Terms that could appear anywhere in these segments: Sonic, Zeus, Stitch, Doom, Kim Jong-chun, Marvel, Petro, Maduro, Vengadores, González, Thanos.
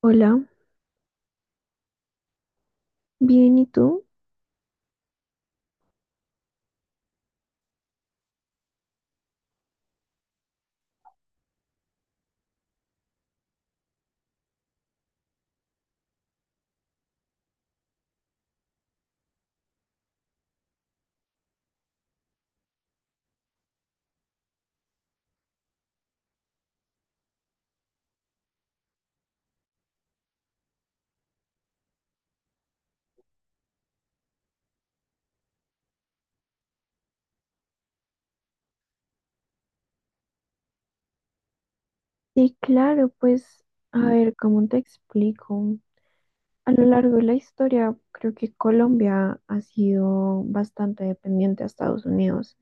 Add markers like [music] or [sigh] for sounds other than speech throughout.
Hola, bien, ¿y tú? Sí, claro, pues a ver, ¿cómo te explico? A lo largo de la historia, creo que Colombia ha sido bastante dependiente a Estados Unidos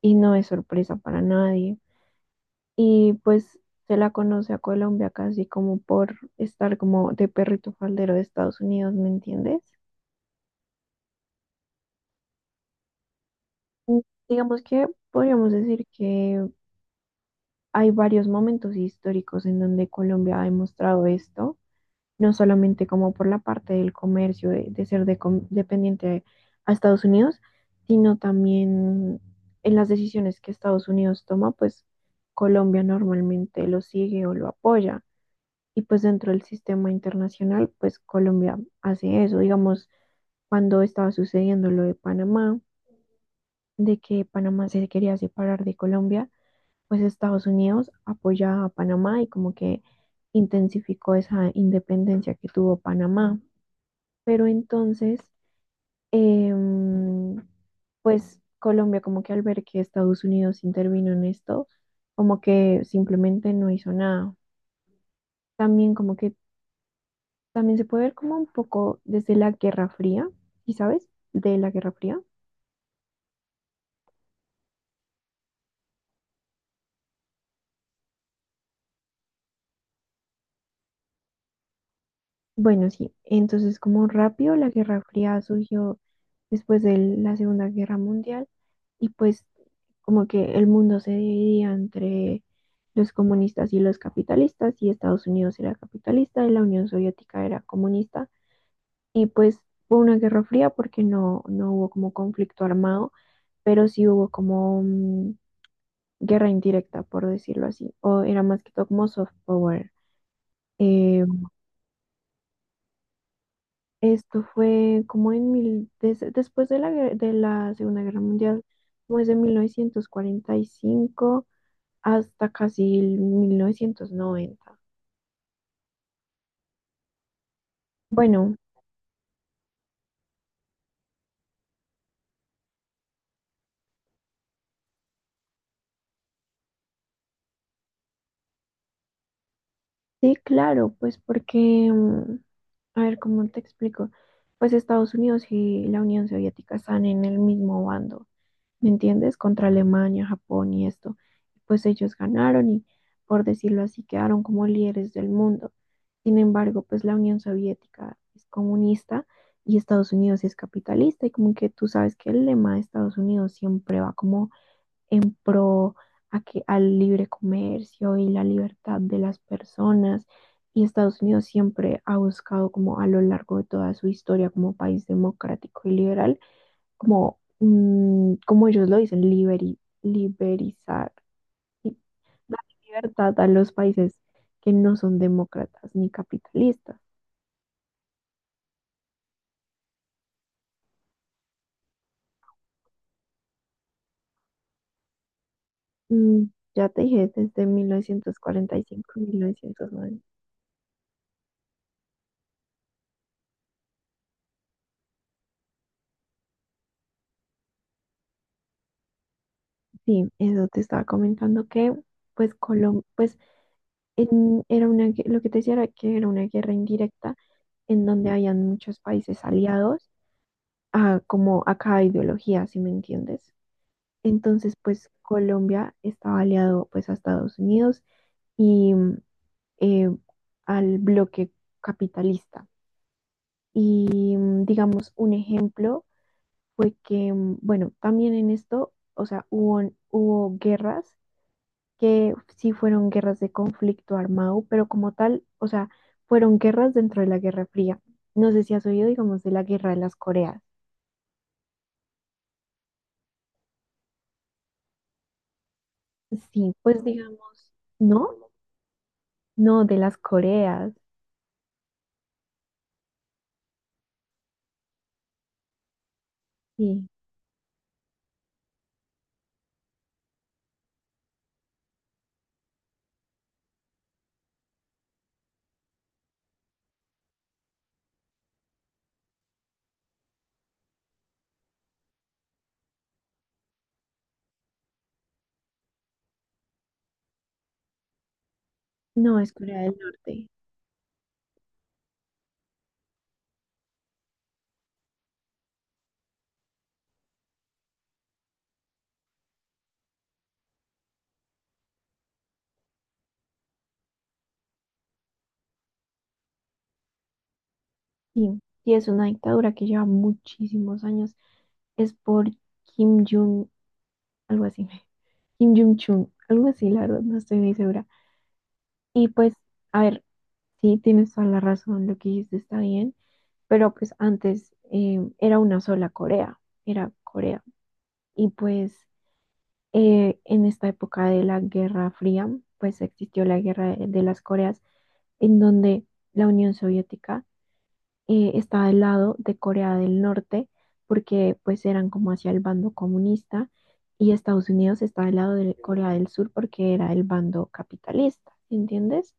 y no es sorpresa para nadie. Y pues se la conoce a Colombia casi como por estar como de perrito faldero de Estados Unidos, ¿me entiendes? Mm, Digamos que podríamos decir que hay varios momentos históricos en donde Colombia ha demostrado esto. No solamente como por la parte del comercio, de ser dependiente a Estados Unidos, sino también en las decisiones que Estados Unidos toma, pues Colombia normalmente lo sigue o lo apoya. Y pues dentro del sistema internacional, pues Colombia hace eso. Digamos, cuando estaba sucediendo lo de Panamá, de que Panamá se quería separar de Colombia, pues Estados Unidos apoya a Panamá y como que intensificó esa independencia que tuvo Panamá. Pero entonces, em, pues Colombia como que al ver que Estados Unidos intervino en esto, como que simplemente no hizo nada. También como que también se puede ver como un poco desde la Guerra Fría, ¿y sabes? De la Guerra Fría. Bueno, sí, entonces como rápido la Guerra Fría surgió después de la Segunda Guerra Mundial y pues como que el mundo se dividía entre los comunistas y los capitalistas y Estados Unidos era capitalista y la Unión Soviética era comunista, y pues fue una Guerra Fría porque no hubo como conflicto armado, pero sí hubo como guerra indirecta, por decirlo así, o era más que todo como soft power. eh, Esto fue como en después de la Segunda Guerra Mundial, como desde 1945 hasta casi el 1990. Bueno, sí, claro, pues porque, mm, a ver, ¿cómo te explico? Pues Estados Unidos y la Unión Soviética están en el mismo bando. ¿Me entiendes? Contra Alemania, Japón y esto. Pues ellos ganaron y, por decirlo así, quedaron como líderes del mundo. Sin embargo, pues la Unión Soviética es comunista y Estados Unidos es capitalista, y como que tú sabes que el lema de Estados Unidos siempre va como en pro a que, al libre comercio y la libertad de las personas. Y Estados Unidos siempre ha buscado como a lo largo de toda su historia como país democrático y liberal como, como ellos lo dicen, liberizar, y dar libertad a los países que no son demócratas ni capitalistas. Mm, ya te dije, desde mil novecientos cuarenta y cinco mil novecientos 1990. Sí, eso te estaba comentando que, pues, Colom pues en- era una, gue- lo que te decía era que era una guerra indirecta en donde habían muchos países aliados como a cada ideología, si me entiendes. Entonces, pues Colombia estaba aliado pues a Estados Unidos y eh, al bloque capitalista. Y digamos, un ejemplo fue que, bueno, también en esto, o sea, hubo guerras que sí fueron guerras de conflicto armado, pero como tal, o sea, fueron guerras dentro de la Guerra Fría. No sé si has oído, digamos, de la Guerra de las Coreas. Sí, pues digamos, ¿no? No, de las Coreas, sí. No, es Corea del Norte. Sí, y es una dictadura que lleva muchísimos años. Es por Kim Jong, algo así. [laughs] Kim Jong-chun, algo así, la verdad, no estoy muy segura. Y pues, a ver, sí, tienes toda la razón, lo que dijiste está bien, pero pues antes era una sola Corea, era Corea. Y pues en esta época de la Guerra Fría, pues existió la Guerra de las Coreas, en donde la Unión Soviética estaba al lado de Corea del Norte, porque pues eran como hacia el bando comunista, y Estados Unidos estaba al lado de Corea del Sur porque era el bando capitalista, ¿sí? ¿Entiendes?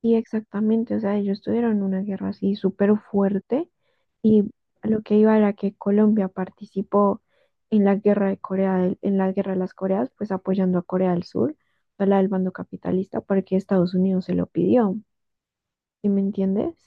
Y exactamente, o sea, ellos tuvieron una guerra así súper fuerte, y a lo que iba era que Colombia participó en la guerra de Corea, en la guerra de las Coreas, pues apoyando a Corea del Sur, o la del bando capitalista, porque Estados Unidos se lo pidió, ¿sí me entiendes?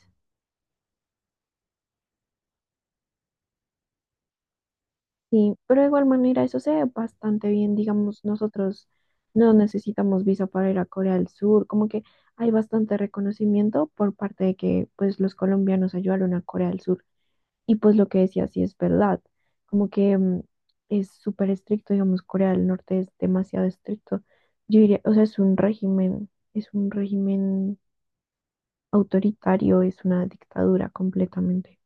Sí, pero de igual manera eso se ve bastante bien, digamos, nosotros no necesitamos visa para ir a Corea del Sur, como que hay bastante reconocimiento por parte de que pues los colombianos ayudaron a Corea del Sur, y pues lo que decía sí es verdad, como que es súper estricto. Digamos, Corea del Norte es demasiado estricto. Yo diría, o sea, es un régimen autoritario, es una dictadura completamente.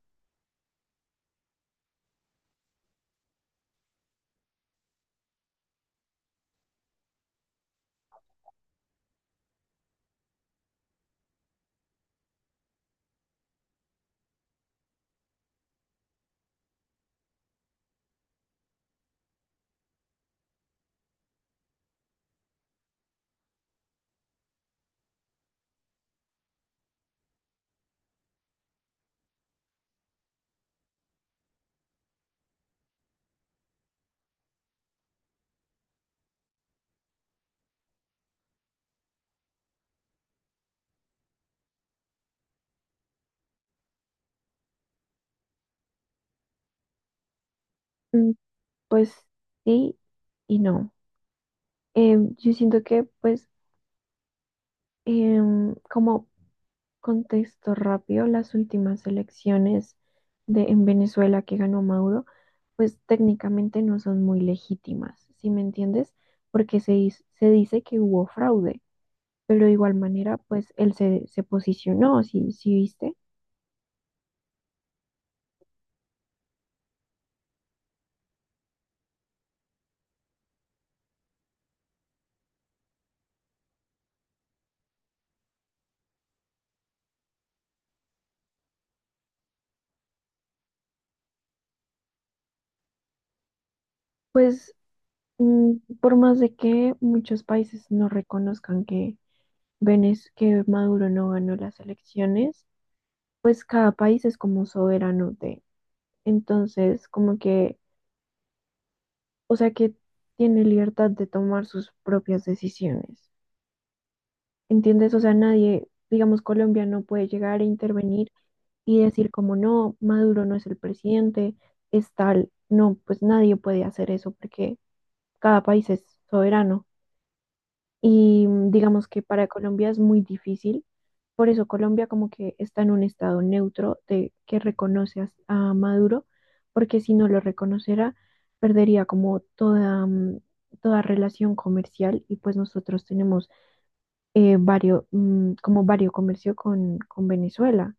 Mm, Pues sí y no. Yo siento que pues como contexto rápido, las últimas elecciones en Venezuela que ganó Maduro, pues técnicamente no son muy legítimas, ¿sí me entiendes? Porque se dice que hubo fraude, pero de igual manera, pues él se posicionó, si viste, pues por más de que muchos países no reconozcan que, que Maduro no ganó las elecciones, pues cada país es como soberano de. Entonces, como que, o sea, que tiene libertad de tomar sus propias decisiones. ¿Entiendes? O sea, nadie, digamos, Colombia no puede llegar a intervenir y decir como no, Maduro no es el presidente, es tal. No, pues nadie puede hacer eso porque cada país es soberano. Y digamos que para Colombia es muy difícil, por eso Colombia como que está en un estado neutro de que reconoce a Maduro, porque si no lo reconociera, perdería como toda, toda relación comercial, y pues nosotros tenemos vario, como vario comercio con Venezuela,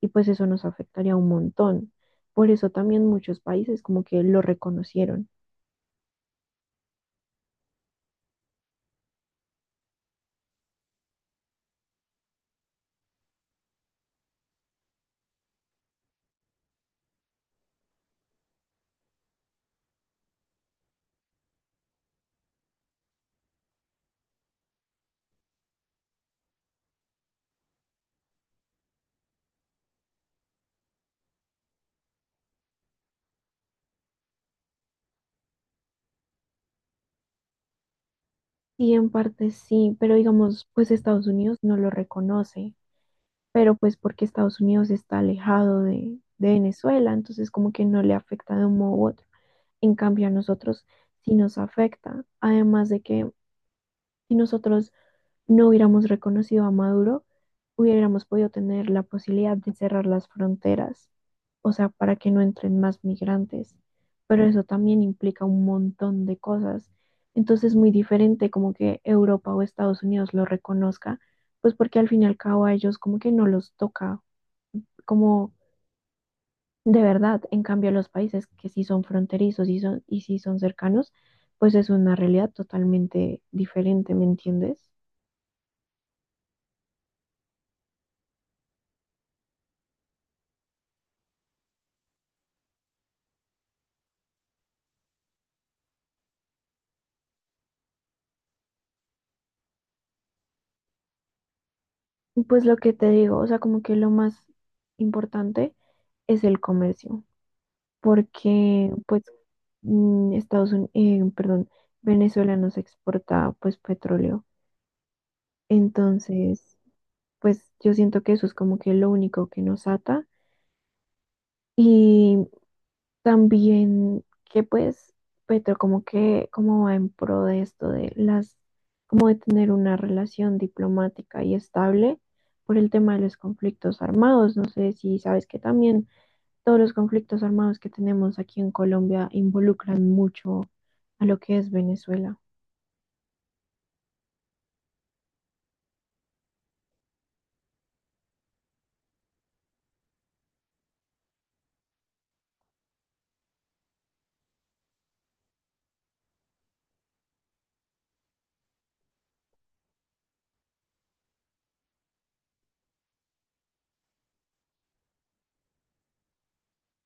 y pues eso nos afectaría un montón. Por eso también muchos países como que lo reconocieron. Sí, en parte sí, pero digamos, pues Estados Unidos no lo reconoce. Pero pues porque Estados Unidos está alejado de Venezuela, entonces como que no le afecta de un modo u otro. En cambio a nosotros sí nos afecta, además de que si nosotros no hubiéramos reconocido a Maduro, hubiéramos podido tener la posibilidad de cerrar las fronteras, o sea, para que no entren más migrantes, pero eso también implica un montón de cosas. Entonces es muy diferente como que Europa o Estados Unidos lo reconozca, pues porque al fin y al cabo a ellos como que no los toca como de verdad. En cambio, los países que sí son fronterizos y, y sí son cercanos, pues es una realidad totalmente diferente, ¿me entiendes? Y pues lo que te digo, o sea, como que lo más importante es el comercio, porque pues Estados Unidos, perdón, Venezuela nos exporta pues petróleo. Entonces, pues yo siento que eso es como que lo único que nos ata. Y también que pues Petro como que como va en pro de esto de las, como de tener una relación diplomática y estable por el tema de los conflictos armados. No sé si sabes que también todos los conflictos armados que tenemos aquí en Colombia involucran mucho a lo que es Venezuela.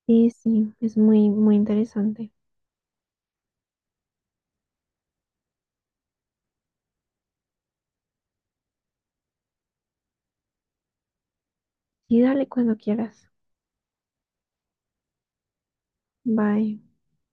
Sí, sí, es muy, muy interesante. Y dale, cuando quieras. Bye.